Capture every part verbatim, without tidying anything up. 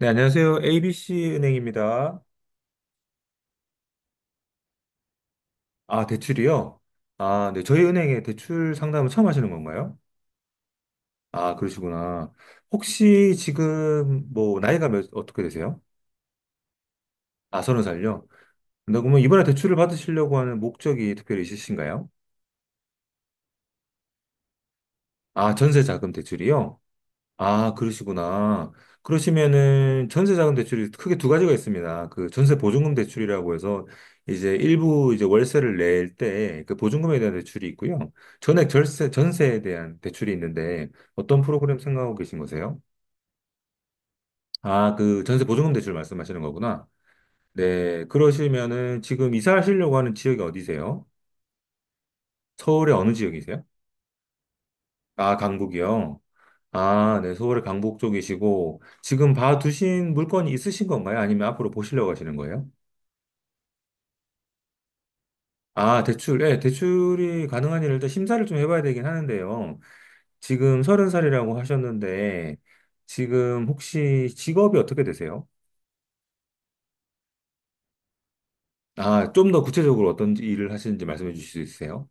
네, 안녕하세요. 에이비씨 은행입니다. 아, 대출이요? 아, 네. 저희 은행에 대출 상담을 처음 하시는 건가요? 아, 그러시구나. 혹시 지금 뭐 나이가 몇, 어떻게 되세요? 아, 서른 살요? 근데 그러면 이번에 대출을 받으시려고 하는 목적이 특별히 있으신가요? 아, 전세 자금 대출이요? 아, 그러시구나. 그러시면은 전세자금 대출이 크게 두 가지가 있습니다. 그 전세 보증금 대출이라고 해서 이제 일부 이제 월세를 낼 때 그 보증금에 대한 대출이 있고요. 전액 절세, 전세에 대한 대출이 있는데 어떤 프로그램 생각하고 계신 거세요? 아, 그 전세 보증금 대출 말씀하시는 거구나. 네, 그러시면은 지금 이사하시려고 하는 지역이 어디세요? 서울의 어느 지역이세요? 아, 강북이요. 아, 네, 서울의 강북 쪽이시고, 지금 봐두신 물건이 있으신 건가요? 아니면 앞으로 보시려고 하시는 거예요? 아, 대출, 예, 대출이 가능한 일을 일단 심사를 좀 해봐야 되긴 하는데요. 지금 서른 살이라고 하셨는데, 지금 혹시 직업이 어떻게 되세요? 아, 좀 더 구체적으로 어떤 일을 하시는지 말씀해 주실 수 있으세요?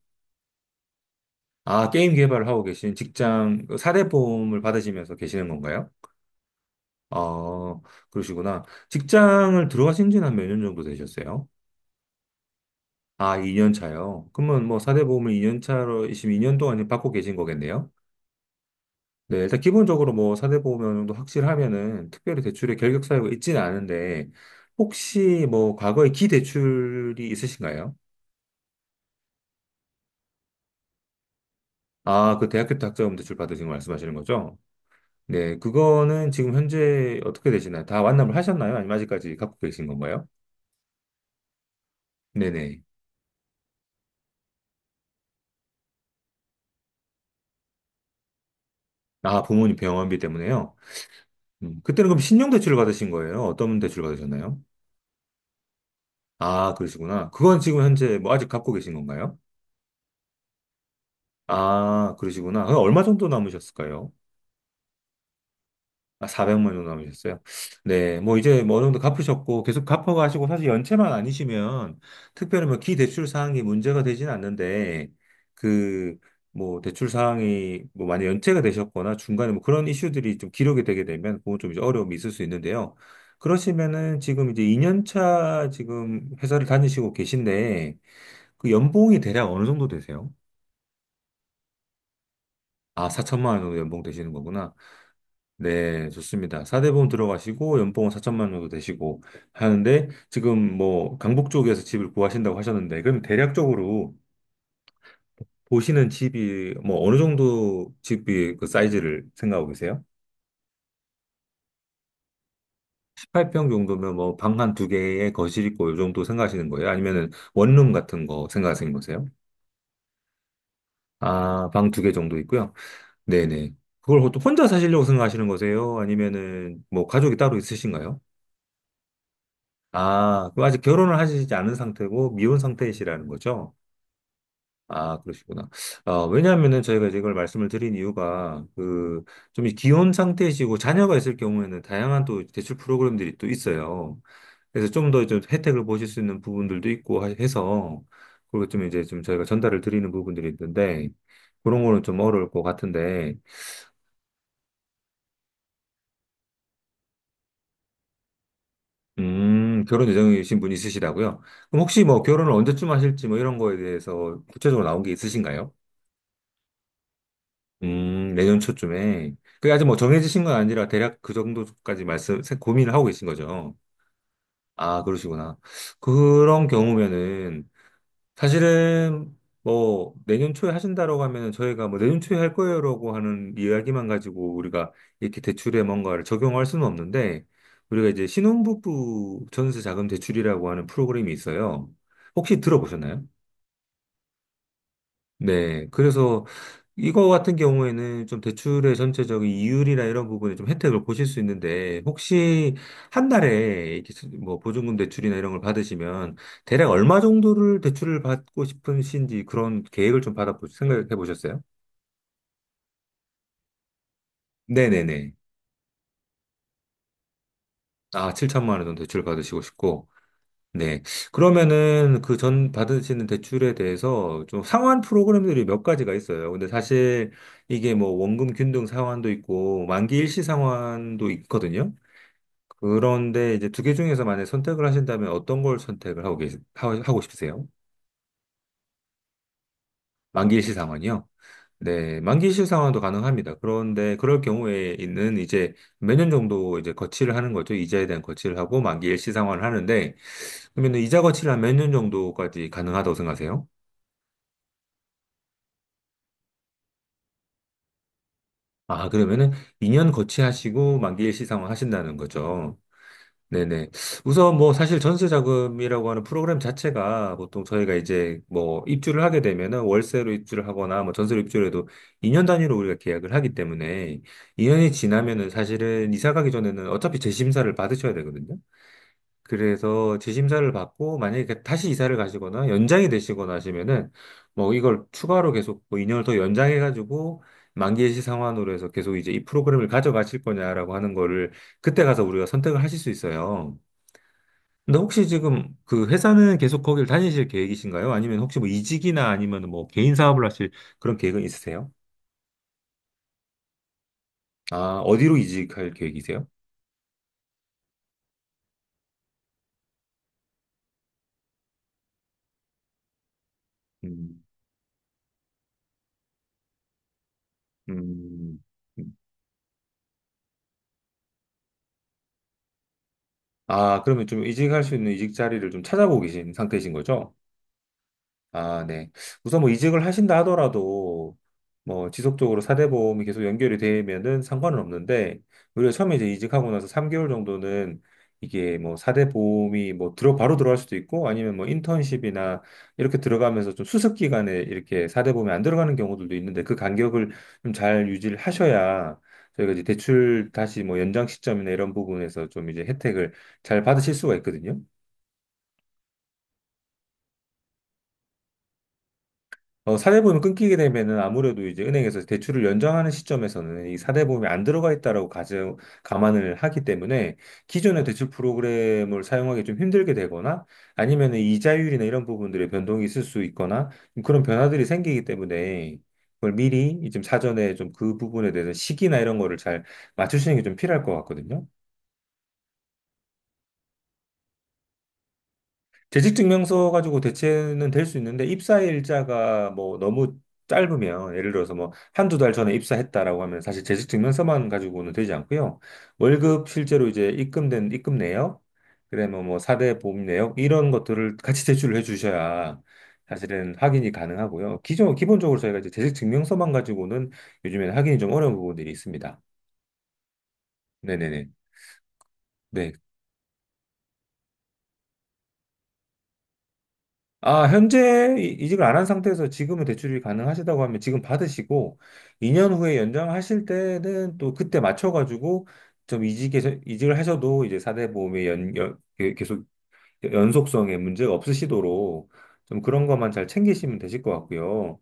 아, 게임 개발을 하고 계신 직장, 사대 보험을 받으시면서 계시는 건가요? 어, 그러시구나. 직장을 들어가신 지는 한 몇 년 정도 되셨어요? 아, 이 년 차요. 그러면 뭐 사대 보험을 이 년 차로 지금 이 년 동안 지금 받고 계신 거겠네요. 네, 일단 기본적으로 뭐 사대 보험 어느 정도 확실하면은 특별히 대출의 결격 사유가 있지는 않은데 혹시 뭐 과거에 기대출이 있으신가요? 아, 그 대학교 때 학자금 대출 받으신 거 말씀하시는 거죠? 네, 그거는 지금 현재 어떻게 되시나요? 다 완납을 하셨나요? 아니면 아직까지 갖고 계신 건가요? 네네. 아, 부모님 병원비 때문에요. 음, 그때는 그럼 신용대출을 받으신 거예요? 어떤 대출을 받으셨나요? 아, 그러시구나. 그건 지금 현재 뭐 아직 갖고 계신 건가요? 아, 그러시구나. 그럼 얼마 정도 남으셨을까요? 아, 사백만 정도 남으셨어요? 네, 뭐 이제 뭐 어느 정도 갚으셨고 계속 갚아가시고 사실 연체만 아니시면 특별히 뭐 기대출 사항이 문제가 되진 않는데 그 뭐 대출 사항이 뭐 만약 연체가 되셨거나 중간에 뭐 그런 이슈들이 좀 기록이 되게 되면 그건 좀 이제 어려움이 있을 수 있는데요. 그러시면은 지금 이제 이 년 차 지금 회사를 다니시고 계신데 그 연봉이 대략 어느 정도 되세요? 아, 사천만 원 정도 연봉 되시는 거구나. 네, 좋습니다. 사 대 보험 들어가시고 연봉은 사천만 원 정도 되시고 하는데 지금 뭐 강북 쪽에서 집을 구하신다고 하셨는데 그럼 대략적으로 보시는 집이 뭐 어느 정도 집이 그 사이즈를 생각하고 계세요? 십팔 평 정도면 뭐 방 한 두 개에 거실 있고 요 정도 생각하시는 거예요? 아니면은 원룸 같은 거 생각하시는 거세요? 아, 방 두 개 정도 있고요. 네네. 그걸 또 혼자 사시려고 생각하시는 거세요? 아니면은 뭐 가족이 따로 있으신가요? 아, 그럼 아직 결혼을 하시지 않은 상태고 미혼 상태이시라는 거죠? 아, 그러시구나. 어, 왜냐하면은 저희가 이제 이걸 말씀을 드린 이유가 그 좀 기혼 상태이시고 자녀가 있을 경우에는 다양한 또 대출 프로그램들이 또 있어요. 그래서 좀 더 좀 혜택을 보실 수 있는 부분들도 있고 하- 해서 그리고 좀 이제 좀 저희가 전달을 드리는 부분들이 있는데 그런 거는 좀 어려울 것 같은데 음, 결혼 예정이신 분이 있으시다고요? 그럼 혹시 뭐 결혼을 언제쯤 하실지 뭐 이런 거에 대해서 구체적으로 나온 게 있으신가요? 음, 내년 초쯤에. 그게 아직 뭐 정해지신 건 아니라 대략 그 정도까지 말씀, 세- 고민을 하고 계신 거죠. 아, 그러시구나. 그런 경우면은 사실은 뭐 내년 초에 하신다라고 하면은 저희가 뭐 내년 초에 할 거예요라고 하는 이야기만 가지고 우리가 이렇게 대출에 뭔가를 적용할 수는 없는데 우리가 이제 신혼부부 전세 자금 대출이라고 하는 프로그램이 있어요. 혹시 들어보셨나요? 네. 그래서 이거 같은 경우에는 좀 대출의 전체적인 이율이나 이런 부분에 좀 혜택을 보실 수 있는데 혹시 한 달에 이렇게 수- 뭐 보증금 대출이나 이런 걸 받으시면 대략 얼마 정도를 대출을 받고 싶으신지 그런 계획을 좀 받아 생각해 보셨어요? 네네네. 아, 칠천만 원 정도 대출 받으시고 싶고 네. 그러면은 그 전 받으시는 대출에 대해서 좀 상환 프로그램들이 몇 가지가 있어요. 근데 사실 이게 뭐 원금 균등 상환도 있고 만기 일시 상환도 있거든요. 그런데 이제 두 개 중에서 만약 선택을 하신다면 어떤 걸 선택을 하고 계시, 하- 하고 싶으세요? 만기일시 상환이요? 네, 만기일시 상환도 가능합니다. 그런데 그럴 경우에는 있 이제 몇 년 정도 이제 거치를 하는 거죠. 이자에 대한 거치를 하고 만기일시 상환을 하는데 그러면은 이자 거치를 한 몇 년 정도까지 가능하다고 생각하세요? 아, 그러면은 이 년 거치하시고 만기일시 상환 하신다는 거죠. 네네. 우선 뭐 사실 전세 자금이라고 하는 프로그램 자체가 보통 저희가 이제 뭐 입주를 하게 되면은 월세로 입주를 하거나 뭐 전세로 입주를 해도 이 년 단위로 우리가 계약을 하기 때문에 이 년이 지나면은 사실은 이사 가기 전에는 어차피 재심사를 받으셔야 되거든요. 그래서 재심사를 받고 만약에 그 다시 이사를 가시거나 연장이 되시거나 하시면은 뭐 이걸 추가로 계속 뭐 이 년을 더 연장해가지고 만기예시 상환으로 해서 계속 이제 이 프로그램을 가져가실 거냐라고 하는 거를 그때 가서 우리가 선택을 하실 수 있어요. 근데 혹시 지금 그 회사는 계속 거기를 다니실 계획이신가요? 아니면 혹시 뭐 이직이나 아니면 뭐 개인 사업을 하실 그런 계획은 있으세요? 아, 어디로 이직할 계획이세요? 음, 음. 음. 아, 그러면 좀 이직할 수 있는 이직 자리를 좀 찾아보고 계신 상태이신 거죠? 아, 네. 우선 뭐 이직을 하신다 하더라도 뭐 지속적으로 사대보험이 계속 연결이 되면은 상관은 없는데 오히려 처음에 이제 이직하고 나서 삼 개월 정도는 이게 뭐 사대보험이 뭐 들어 바로 들어갈 수도 있고 아니면 뭐 인턴십이나 이렇게 들어가면서 좀 수습 기간에 이렇게 사대보험이 안 들어가는 경우들도 있는데 그 간격을 좀 잘 유지를 하셔야 저희가 이제 대출 다시 뭐 연장 시점이나 이런 부분에서 좀 이제 혜택을 잘 받으실 수가 있거든요. 어, 사대보험이 끊기게 되면은 아무래도 이제 은행에서 대출을 연장하는 시점에서는 이 사대보험이 안 들어가 있다라고 가정, 감안을 하기 때문에 기존의 대출 프로그램을 사용하기 좀 힘들게 되거나 아니면 이자율이나 이런 부분들의 변동이 있을 수 있거나 그런 변화들이 생기기 때문에 그걸 미리 좀 사전에 좀 그 부분에 대해서 시기나 이런 거를 잘 맞추시는 게 좀 필요할 것 같거든요. 재직 증명서 가지고 대체는 될 수 있는데 입사 일자가 뭐 너무 짧으면 예를 들어서 뭐 한두 달 전에 입사했다라고 하면 사실 재직 증명서만 가지고는 되지 않고요. 월급 실제로 이제 입금된 입금 내역, 그다음에 뭐 사대 보험 내역 이런 것들을 같이 제출을 해 주셔야 사실은 확인이 가능하고요. 기존 기본적으로 저희가 이제 재직 증명서만 가지고는 요즘에는 확인이 좀 어려운 부분들이 있습니다. 네네네. 네. 아, 현재 이- 이직을 안 한 상태에서 지금은 대출이 가능하시다고 하면 지금 받으시고 이 년 후에 연장하실 때는 또 그때 맞춰가지고 좀 이직서 이직을 하셔도 이제 사 대 보험의 연, 연- 그- 계속 연속성에 문제가 없으시도록 좀 그런 것만 잘 챙기시면 되실 것 같고요.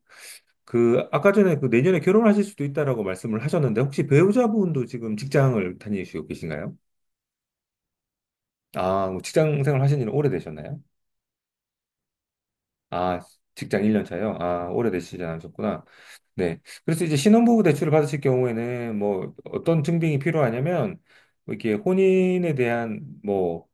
그 아까 전에 그 내년에 결혼하실 수도 있다라고 말씀을 하셨는데 혹시 배우자분도 지금 직장을 다니시고 계신가요? 아, 뭐 직장 생활 하신 지는 오래되셨나요? 아, 직장 일 년 차요? 아, 오래되시지 않으셨구나. 네. 그래서 이제 신혼부부 대출을 받으실 경우에는 뭐 어떤 증빙이 필요하냐면 뭐 이게 혼인에 대한 뭐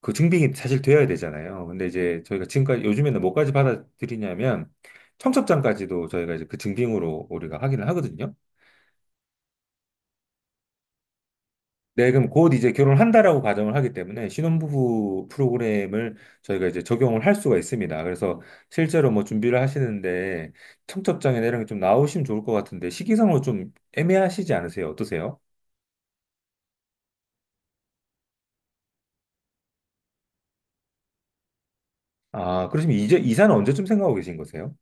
그 증빙이 사실 되어야 되잖아요. 근데 이제 저희가 지금까지 요즘에는 뭐까지 받아들이냐면 청첩장까지도 저희가 이제 그 증빙으로 우리가 확인을 하거든요. 네, 그럼 곧 이제 결혼한다라고 가정을 하기 때문에 신혼부부 프로그램을 저희가 이제 적용을 할 수가 있습니다. 그래서 실제로 뭐 준비를 하시는데 청첩장이나 이런 게 좀 나오시면 좋을 것 같은데 시기상으로 좀 애매하시지 않으세요? 어떠세요? 아, 그러시면 이제 이사는 언제쯤 생각하고 계신 거세요?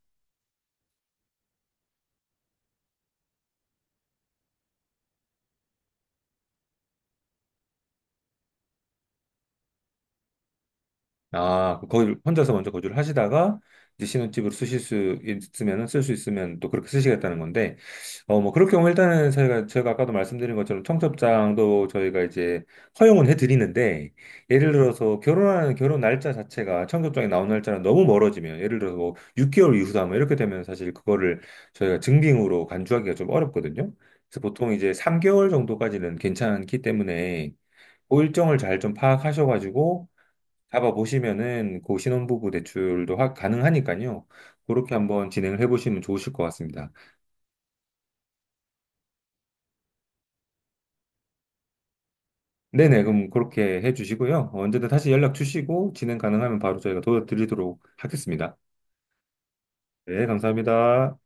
아, 거기 혼자서 먼저 거주를 하시다가 이제 신혼집으로 쓰실 수 있으면은 쓸 수 있으면 또 그렇게 쓰시겠다는 건데, 어, 뭐 그럴 경우 일단은 저희가 제가 아까도 말씀드린 것처럼 청첩장도 저희가 이제 허용은 해드리는데, 예를 들어서 결혼하는 결혼 날짜 자체가 청첩장에 나온 날짜랑 너무 멀어지면, 예를 들어서 뭐 육 개월 이후다 뭐 이렇게 되면 사실 그거를 저희가 증빙으로 간주하기가 좀 어렵거든요. 그래서 보통 이제 삼 개월 정도까지는 괜찮기 때문에. 그 일정을 잘 좀 파악하셔가지고 잡아보시면은 그 신혼부부 대출도 하, 가능하니까요. 그렇게 한번 진행을 해보시면 좋으실 것 같습니다. 네네, 그럼 그렇게 해주시고요. 언제든 다시 연락 주시고 진행 가능하면 바로 저희가 도와드리도록 하겠습니다. 네, 감사합니다.